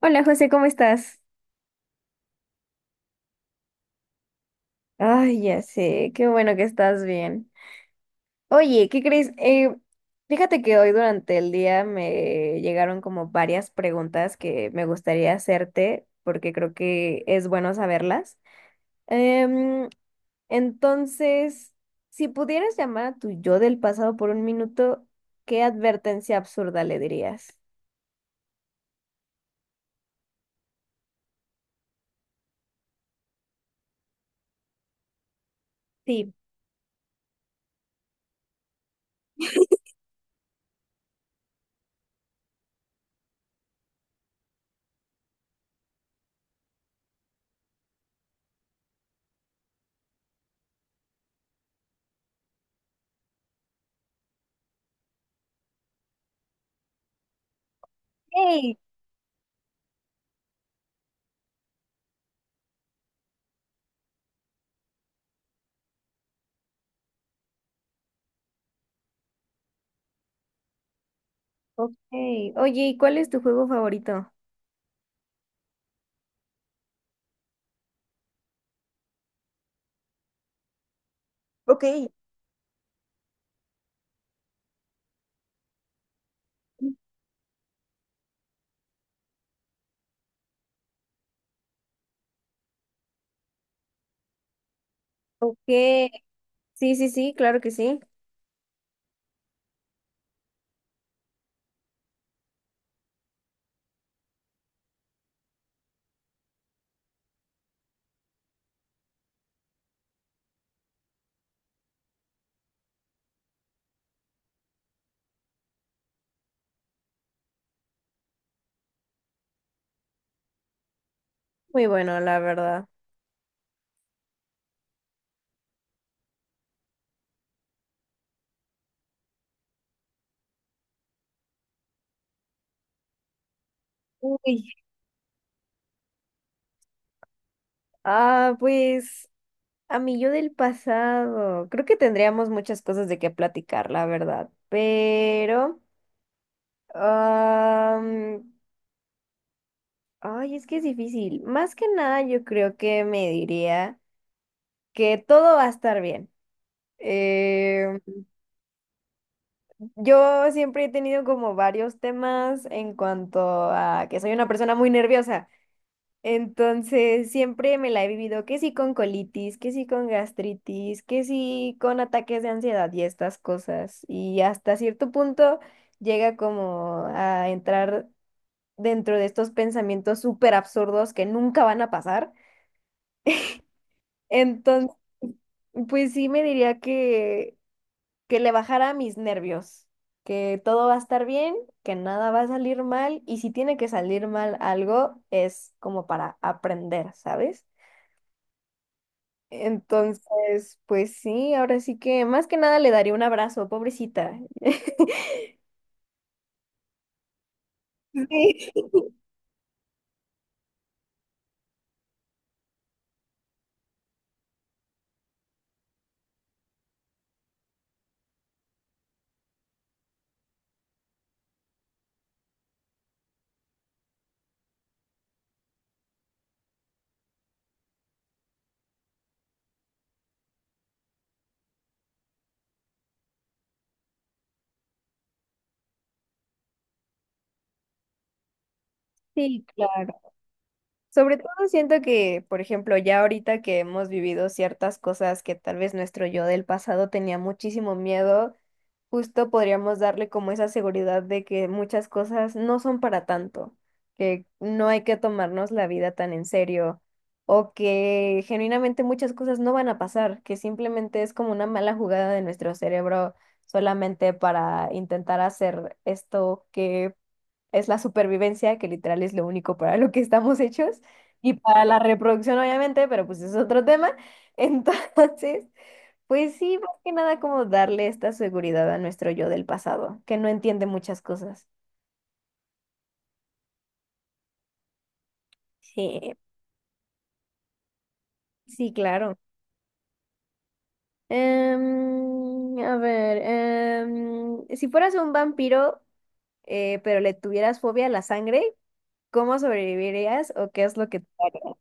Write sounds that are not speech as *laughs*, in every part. Hola José, ¿cómo estás? Ay, ya sé, qué bueno que estás bien. Oye, ¿qué crees? Fíjate que hoy durante el día me llegaron como varias preguntas que me gustaría hacerte porque creo que es bueno saberlas. Em, entonces, si pudieras llamar a tu yo del pasado por un minuto, ¿qué advertencia absurda le dirías? Sí. Hey, ok. Oye, ¿y cuál es tu juego favorito? Ok. Ok. Sí, sí, sí, claro que sí. Muy bueno, la verdad. Uy, ah, pues a mí yo del pasado. Creo que tendríamos muchas cosas de qué platicar, la verdad. Pero, am, ay, es que es difícil. Más que nada, yo creo que me diría que todo va a estar bien. Eh, yo siempre he tenido como varios temas en cuanto a que soy una persona muy nerviosa. Entonces, siempre me la he vivido que sí con colitis, que sí con gastritis, que sí con ataques de ansiedad y estas cosas. Y hasta cierto punto llega como a entrar dentro de estos pensamientos súper absurdos que nunca van a pasar. Entonces, pues sí me diría que le bajara a mis nervios, que todo va a estar bien, que nada va a salir mal y si tiene que salir mal algo es como para aprender, ¿sabes? Entonces, pues sí, ahora sí que más que nada le daría un abrazo, pobrecita. Sí. Sí, claro. Sobre todo siento que, por ejemplo, ya ahorita que hemos vivido ciertas cosas que tal vez nuestro yo del pasado tenía muchísimo miedo, justo podríamos darle como esa seguridad de que muchas cosas no son para tanto, que no hay que tomarnos la vida tan en serio o que genuinamente muchas cosas no van a pasar, que simplemente es como una mala jugada de nuestro cerebro solamente para intentar hacer esto que es la supervivencia, que literal es lo único para lo que estamos hechos y para la reproducción obviamente, pero pues es otro tema. *laughs* Entonces... Pues sí, más que nada como darle esta seguridad a nuestro yo del pasado, que no entiende muchas cosas. Sí. Sí, claro. A ver, si fueras un vampiro, pero le tuvieras fobia a la sangre, ¿cómo sobrevivirías o qué es lo que te haría?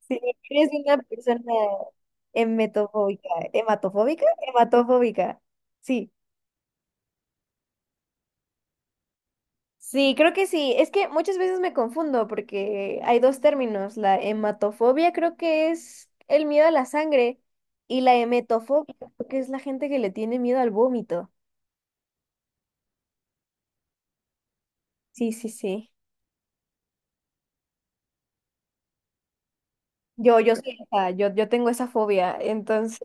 Si eres una persona hematofóbica, sí. Sí, creo que sí. Es que muchas veces me confundo porque hay dos términos. La hematofobia creo que es el miedo a la sangre y la emetofobia creo que es la gente que le tiene miedo al vómito. Sí, sí, sí. Yo soy esa, yo tengo esa fobia, entonces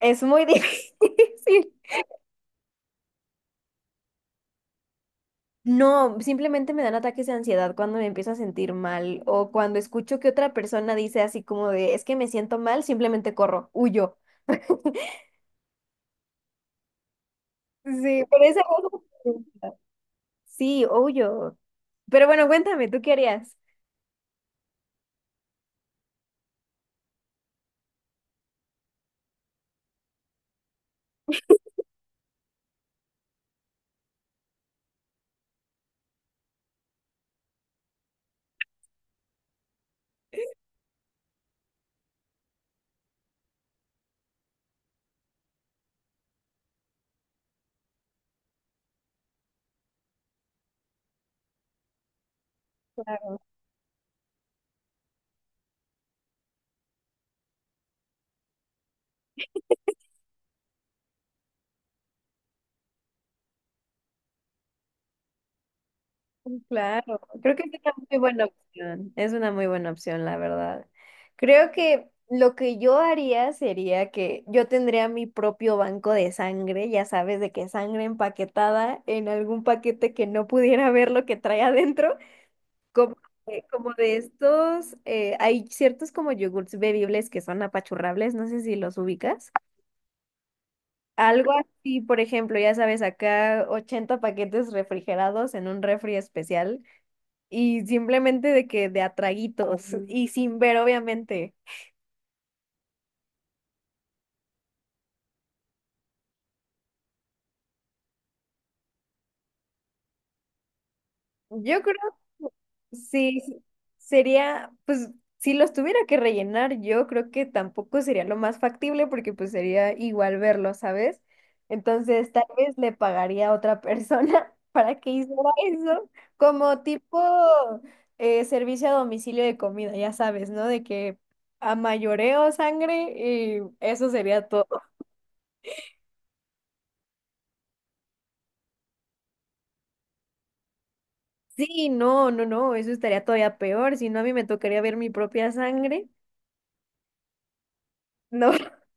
es muy *laughs* difícil. No, simplemente me dan ataques de ansiedad cuando me empiezo a sentir mal o cuando escucho que otra persona dice así como de, es que me siento mal, simplemente corro, huyo. Sí, por esa razón. Sí, obvio. Pero bueno, cuéntame, ¿tú qué harías? Claro, claro. Creo que es una muy buena opción. Es una muy buena opción, la verdad. Creo que lo que yo haría sería que yo tendría mi propio banco de sangre, ya sabes, de que sangre empaquetada en algún paquete que no pudiera ver lo que trae adentro, como, como de estos, hay ciertos como yogurts bebibles que son apachurrables, no sé si los ubicas. Algo así, por ejemplo, ya sabes, acá 80 paquetes refrigerados en un refri especial y simplemente de que de atraguitos y sin ver, obviamente. Yo creo. Sí, sí, sería, pues, si los tuviera que rellenar, yo creo que tampoco sería lo más factible porque pues sería igual verlo, ¿sabes? Entonces, tal vez le pagaría a otra persona *laughs* para que hiciera eso, como tipo servicio a domicilio de comida, ya sabes, ¿no? De que a mayoreo sangre y eso sería todo. Sí, no, no, no, eso estaría todavía peor, si no a mí me tocaría ver mi propia sangre. No, *laughs*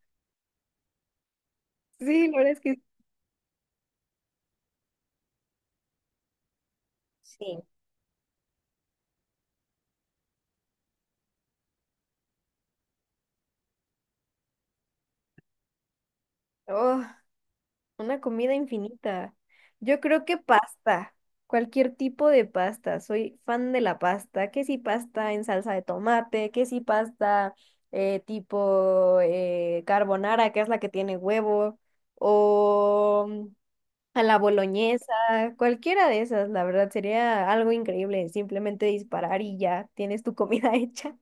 sí, la verdad es que sí. Oh. Una comida infinita. Yo creo que pasta. Cualquier tipo de pasta. Soy fan de la pasta. Que si pasta en salsa de tomate, que si pasta tipo carbonara, que es la que tiene huevo, o a la boloñesa. Cualquiera de esas, la verdad, sería algo increíble. Simplemente disparar y ya tienes tu comida *laughs* hecha.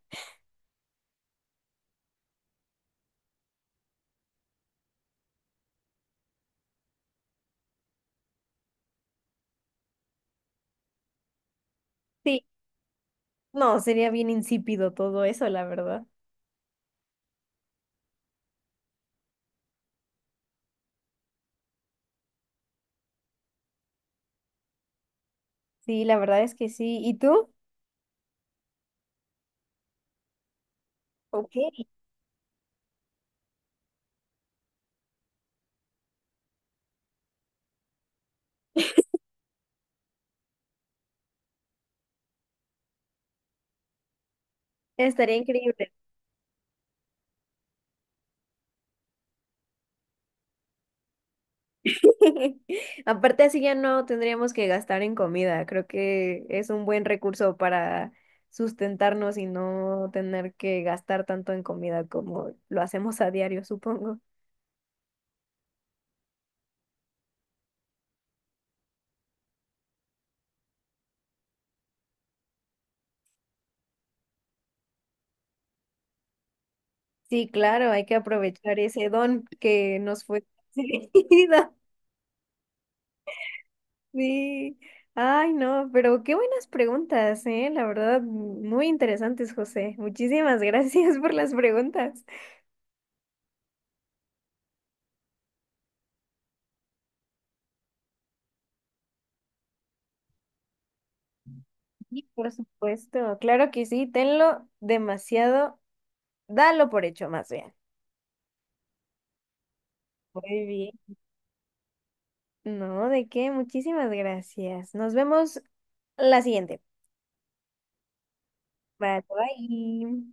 Sí, no, sería bien insípido todo eso, la verdad. Sí, la verdad es que sí. ¿Y tú? Ok, estaría increíble. *laughs* Aparte así ya no tendríamos que gastar en comida. Creo que es un buen recurso para sustentarnos y no tener que gastar tanto en comida como lo hacemos a diario, supongo. Sí, claro, hay que aprovechar ese don que nos fue concedido. *laughs* Sí. Ay, no, pero qué buenas preguntas, ¿eh? La verdad, muy interesantes, José. Muchísimas *laughs* gracias por las preguntas. Sí, por supuesto, claro que sí, tenlo demasiado. Dalo por hecho, más bien. Muy bien. No, ¿de qué? Muchísimas gracias. Nos vemos la siguiente. Bye, bye.